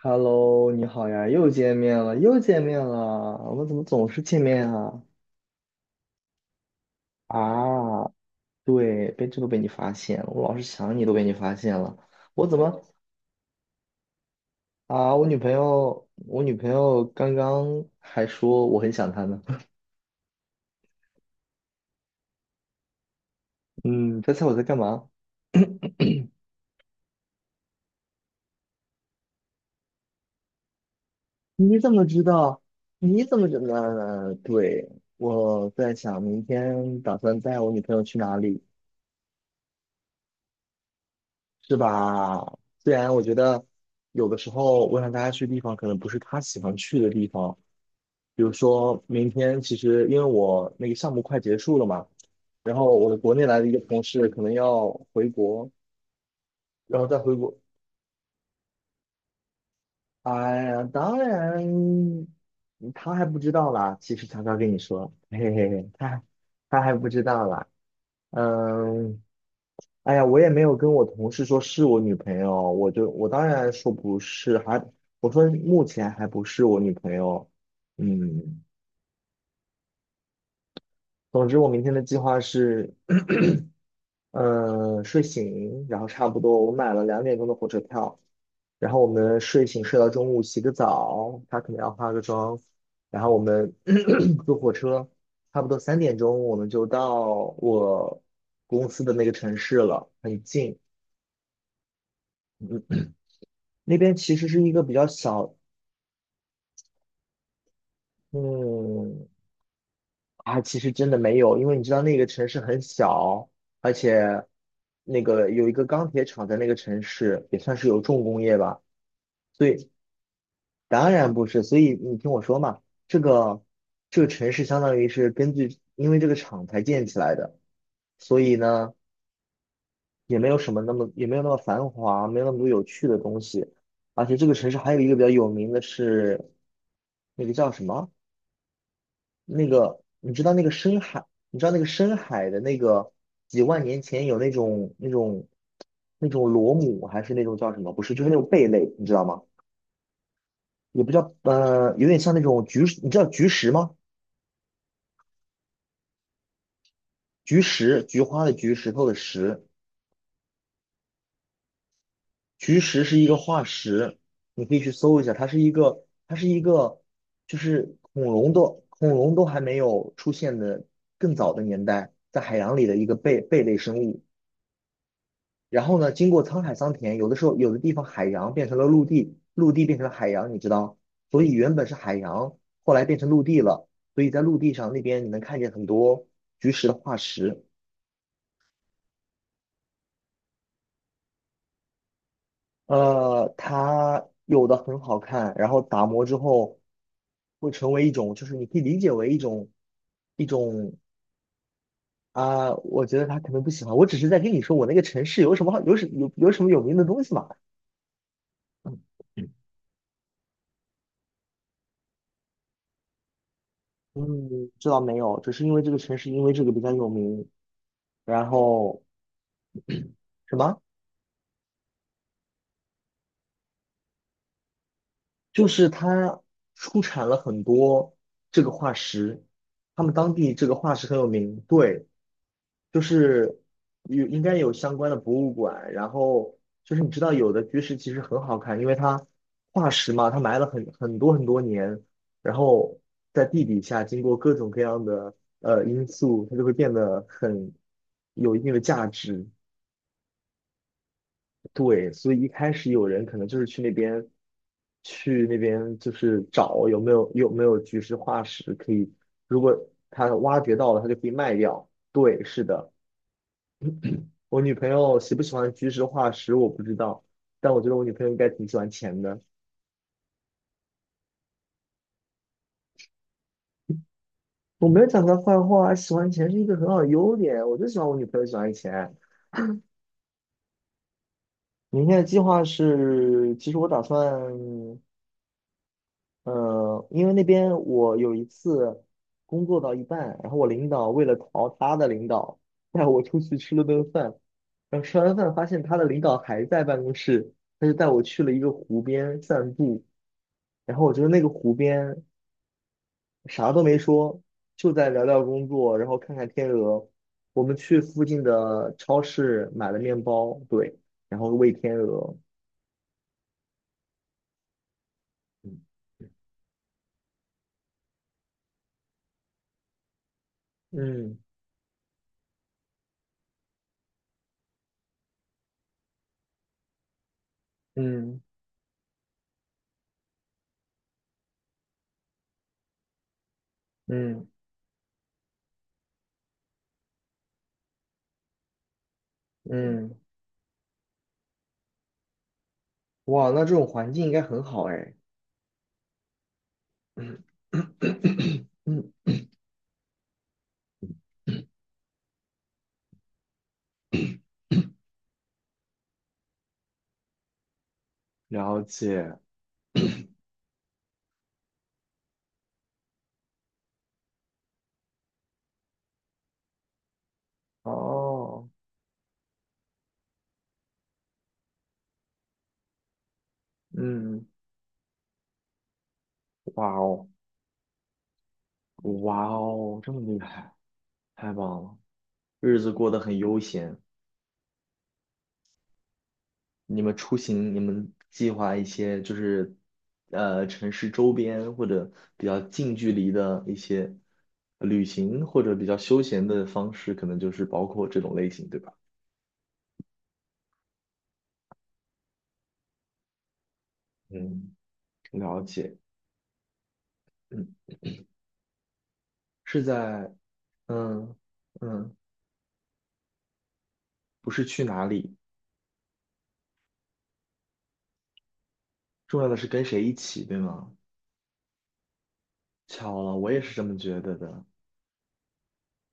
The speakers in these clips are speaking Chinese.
Hello，你好呀，又见面了，又见面了，我们怎么总是见面啊？啊，对，都被你发现了，我老是想你都被你发现了，我怎么啊？我女朋友刚刚还说我很想她呢。嗯，猜猜我在干嘛？你怎么知道？你怎么知道呢？对，我在想明天打算带我女朋友去哪里。是吧？虽然我觉得有的时候我想大家去的地方可能不是他喜欢去的地方，比如说明天其实因为我那个项目快结束了嘛，然后我的国内来的一个同事可能要回国，然后再回国，哎呀，当然他还不知道啦，其实悄悄跟你说，嘿嘿嘿，他还不知道啦，嗯。哎呀，我也没有跟我同事说是我女朋友，我当然说不是，我说目前还不是我女朋友。嗯，总之我明天的计划是，睡醒，然后差不多我买了2点钟的火车票，然后我们睡醒睡到中午洗个澡，她可能要化个妆，然后我们 坐火车，差不多3点钟我们就到我公司的那个城市了，很近。嗯那边其实是一个比较小，嗯，啊，其实真的没有，因为你知道那个城市很小，而且那个有一个钢铁厂在那个城市，也算是有重工业吧，所以当然不是，所以你听我说嘛，这个这个城市相当于是根据因为这个厂才建起来的，所以呢也没有那么繁华，没有那么多有趣的东西，而且这个城市还有一个比较有名的是那个叫什么？那个，你知道那个深海的那个几万年前有那种螺母，还是那种叫什么？不是，就是那种贝类，你知道吗？也不叫，有点像那种菊石你知道菊石吗？菊石，菊花的菊，石头的石，菊石是一个化石，你可以去搜一下，它是一个，它是一个，就是恐龙都还没有出现的更早的年代，在海洋里的一个贝类生物。然后呢，经过沧海桑田，有的时候有的地方海洋变成了陆地，陆地变成了海洋，你知道，所以原本是海洋，后来变成陆地了，所以在陆地上那边你能看见很多菊石的化石，它有的很好看，然后打磨之后会成为一种，就是你可以理解为一种一种啊、我觉得他可能不喜欢，我只是在跟你说我那个城市有什么有名的东西嘛。嗯嗯，知道没有，只是因为这个比较有名，然后什么，就是它出产了很多这个化石，他们当地这个化石很有名，对，就是有应该有相关的博物馆，然后就是你知道有的巨石其实很好看，因为它化石嘛，它埋了很多很多年，然后在地底下经过各种各样的因素，它就会变得有一定的价值。对，所以一开始有人可能就是去那边，去那边就是找有没有菊石化石可以，如果他挖掘到了，他就可以卖掉。对，是的，我女朋友喜不喜欢菊石化石我不知道，但我觉得我女朋友应该挺喜欢钱的。我没有讲她坏话，喜欢钱是一个很好的优点，我就喜欢我女朋友喜欢钱。明天的计划是，其实我打算因为那边我有一次工作到一半，然后我领导为了逃他的领导，带我出去吃了顿饭，然后吃完饭发现他的领导还在办公室，他就带我去了一个湖边散步，然后我觉得那个湖边啥都没说，就在聊聊工作，然后看看天鹅。我们去附近的超市买了面包，对，然后喂天鹅。嗯嗯嗯嗯嗯嗯嗯哇，那这种环境应该很好哎。嗯 嗯了解。哦，嗯，哇哦，哇哦，这么厉害，太棒了，日子过得很悠闲。你们出行，你们计划一些就是，城市周边或者比较近距离的一些旅行，或者比较休闲的方式，可能就是包括这种类型，对吧？嗯，了解。嗯，是在嗯嗯。不是去哪里，重要的是跟谁一起，对吗？巧了，我也是这么觉得的。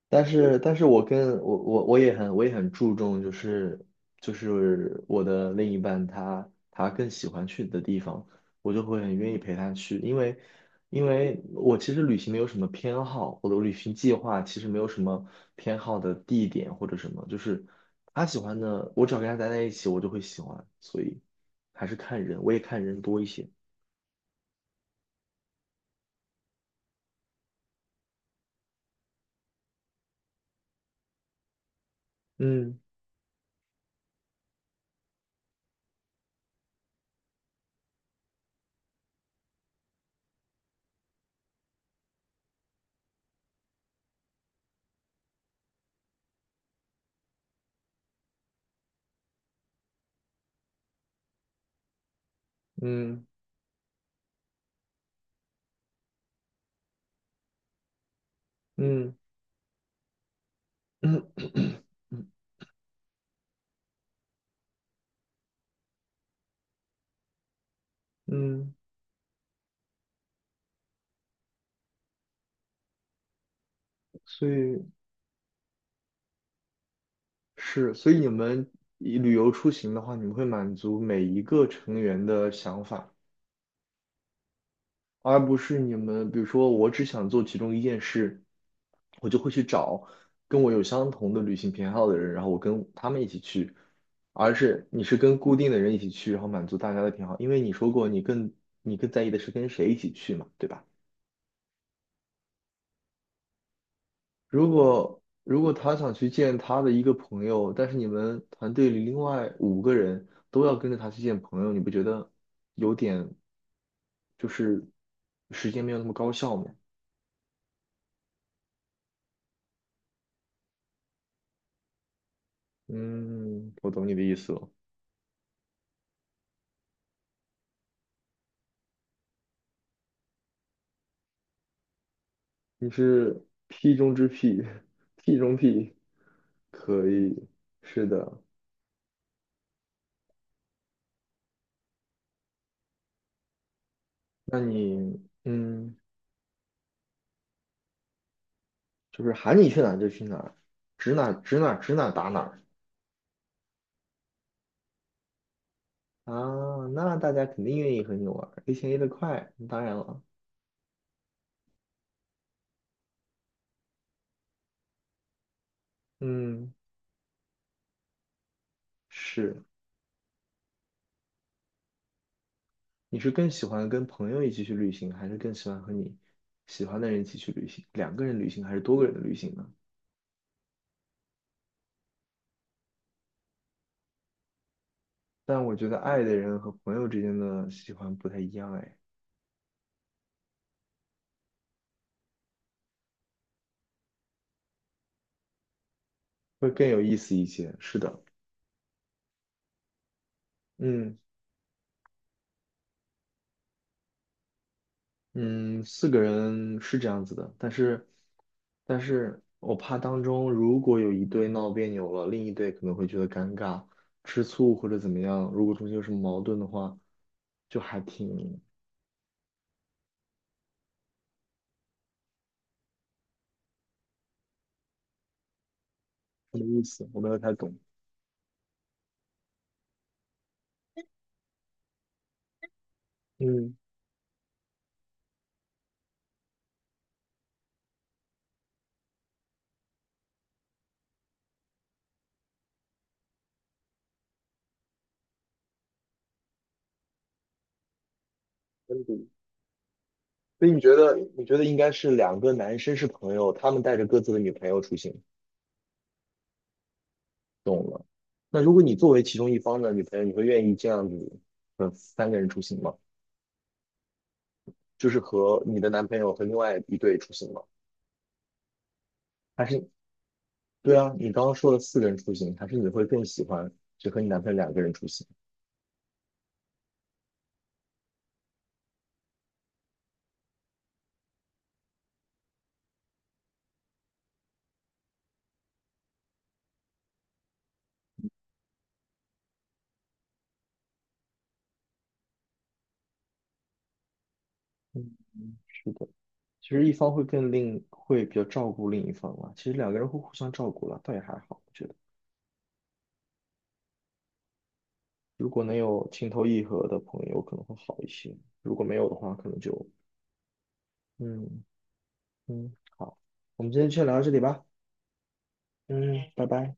但是，但是我跟我我我也很我也很注重，就是我的另一半他更喜欢去的地方，我就会很愿意陪他去，因为我其实旅行没有什么偏好，我的旅行计划其实没有什么偏好的地点或者什么，就是他喜欢的，我只要跟他待在一起，我就会喜欢，所以还是看人，我也看人多一些。嗯嗯。嗯嗯 嗯，所以是，所以你们以旅游出行的话，你们会满足每一个成员的想法，而不是你们，比如说我只想做其中一件事，我就会去找跟我有相同的旅行偏好的人，然后我跟他们一起去，而是你是跟固定的人一起去，然后满足大家的偏好，因为你说过你更在意的是跟谁一起去嘛，对吧？如果他想去见他的一个朋友，但是你们团队里另外5个人都要跟着他去见朋友，你不觉得有点就是时间没有那么高效吗？嗯，我懂你的意思了，你是 P 中之 P，P 中 P,可以，是的。那你嗯，就是喊你去哪儿就去哪儿指哪儿打哪儿啊？那大家肯定愿意和你玩儿，而且也得快，当然了。嗯，是，你是更喜欢跟朋友一起去旅行，还是更喜欢和你喜欢的人一起去旅行？两个人旅行还是多个人的旅行呢？但我觉得爱的人和朋友之间的喜欢不太一样，哎，会更有意思一些。是的，嗯嗯，四个人是这样子的，但是但是我怕当中如果有一对闹别扭了，另一对可能会觉得尴尬、吃醋或者怎么样，如果中间有什么矛盾的话，就还挺没意思，我没有太懂。嗯，真比所以你觉得，你觉得应该是两个男生是朋友，他们带着各自的女朋友出行，懂了。那如果你作为其中一方的女朋友，你会愿意这样子，3个人出行吗？就是和你的男朋友和另外一对出行吗？还是，对啊，你刚刚说了四个人出行，还是你会更喜欢只和你男朋友两个人出行？嗯，是的，其实一方会更另，会比较照顾另一方嘛。其实两个人会互相照顾了，倒也还好。我觉得。如果能有情投意合的朋友，可能会好一些；如果没有的话，可能就嗯嗯好。我们今天就先聊到这里吧。嗯，拜拜。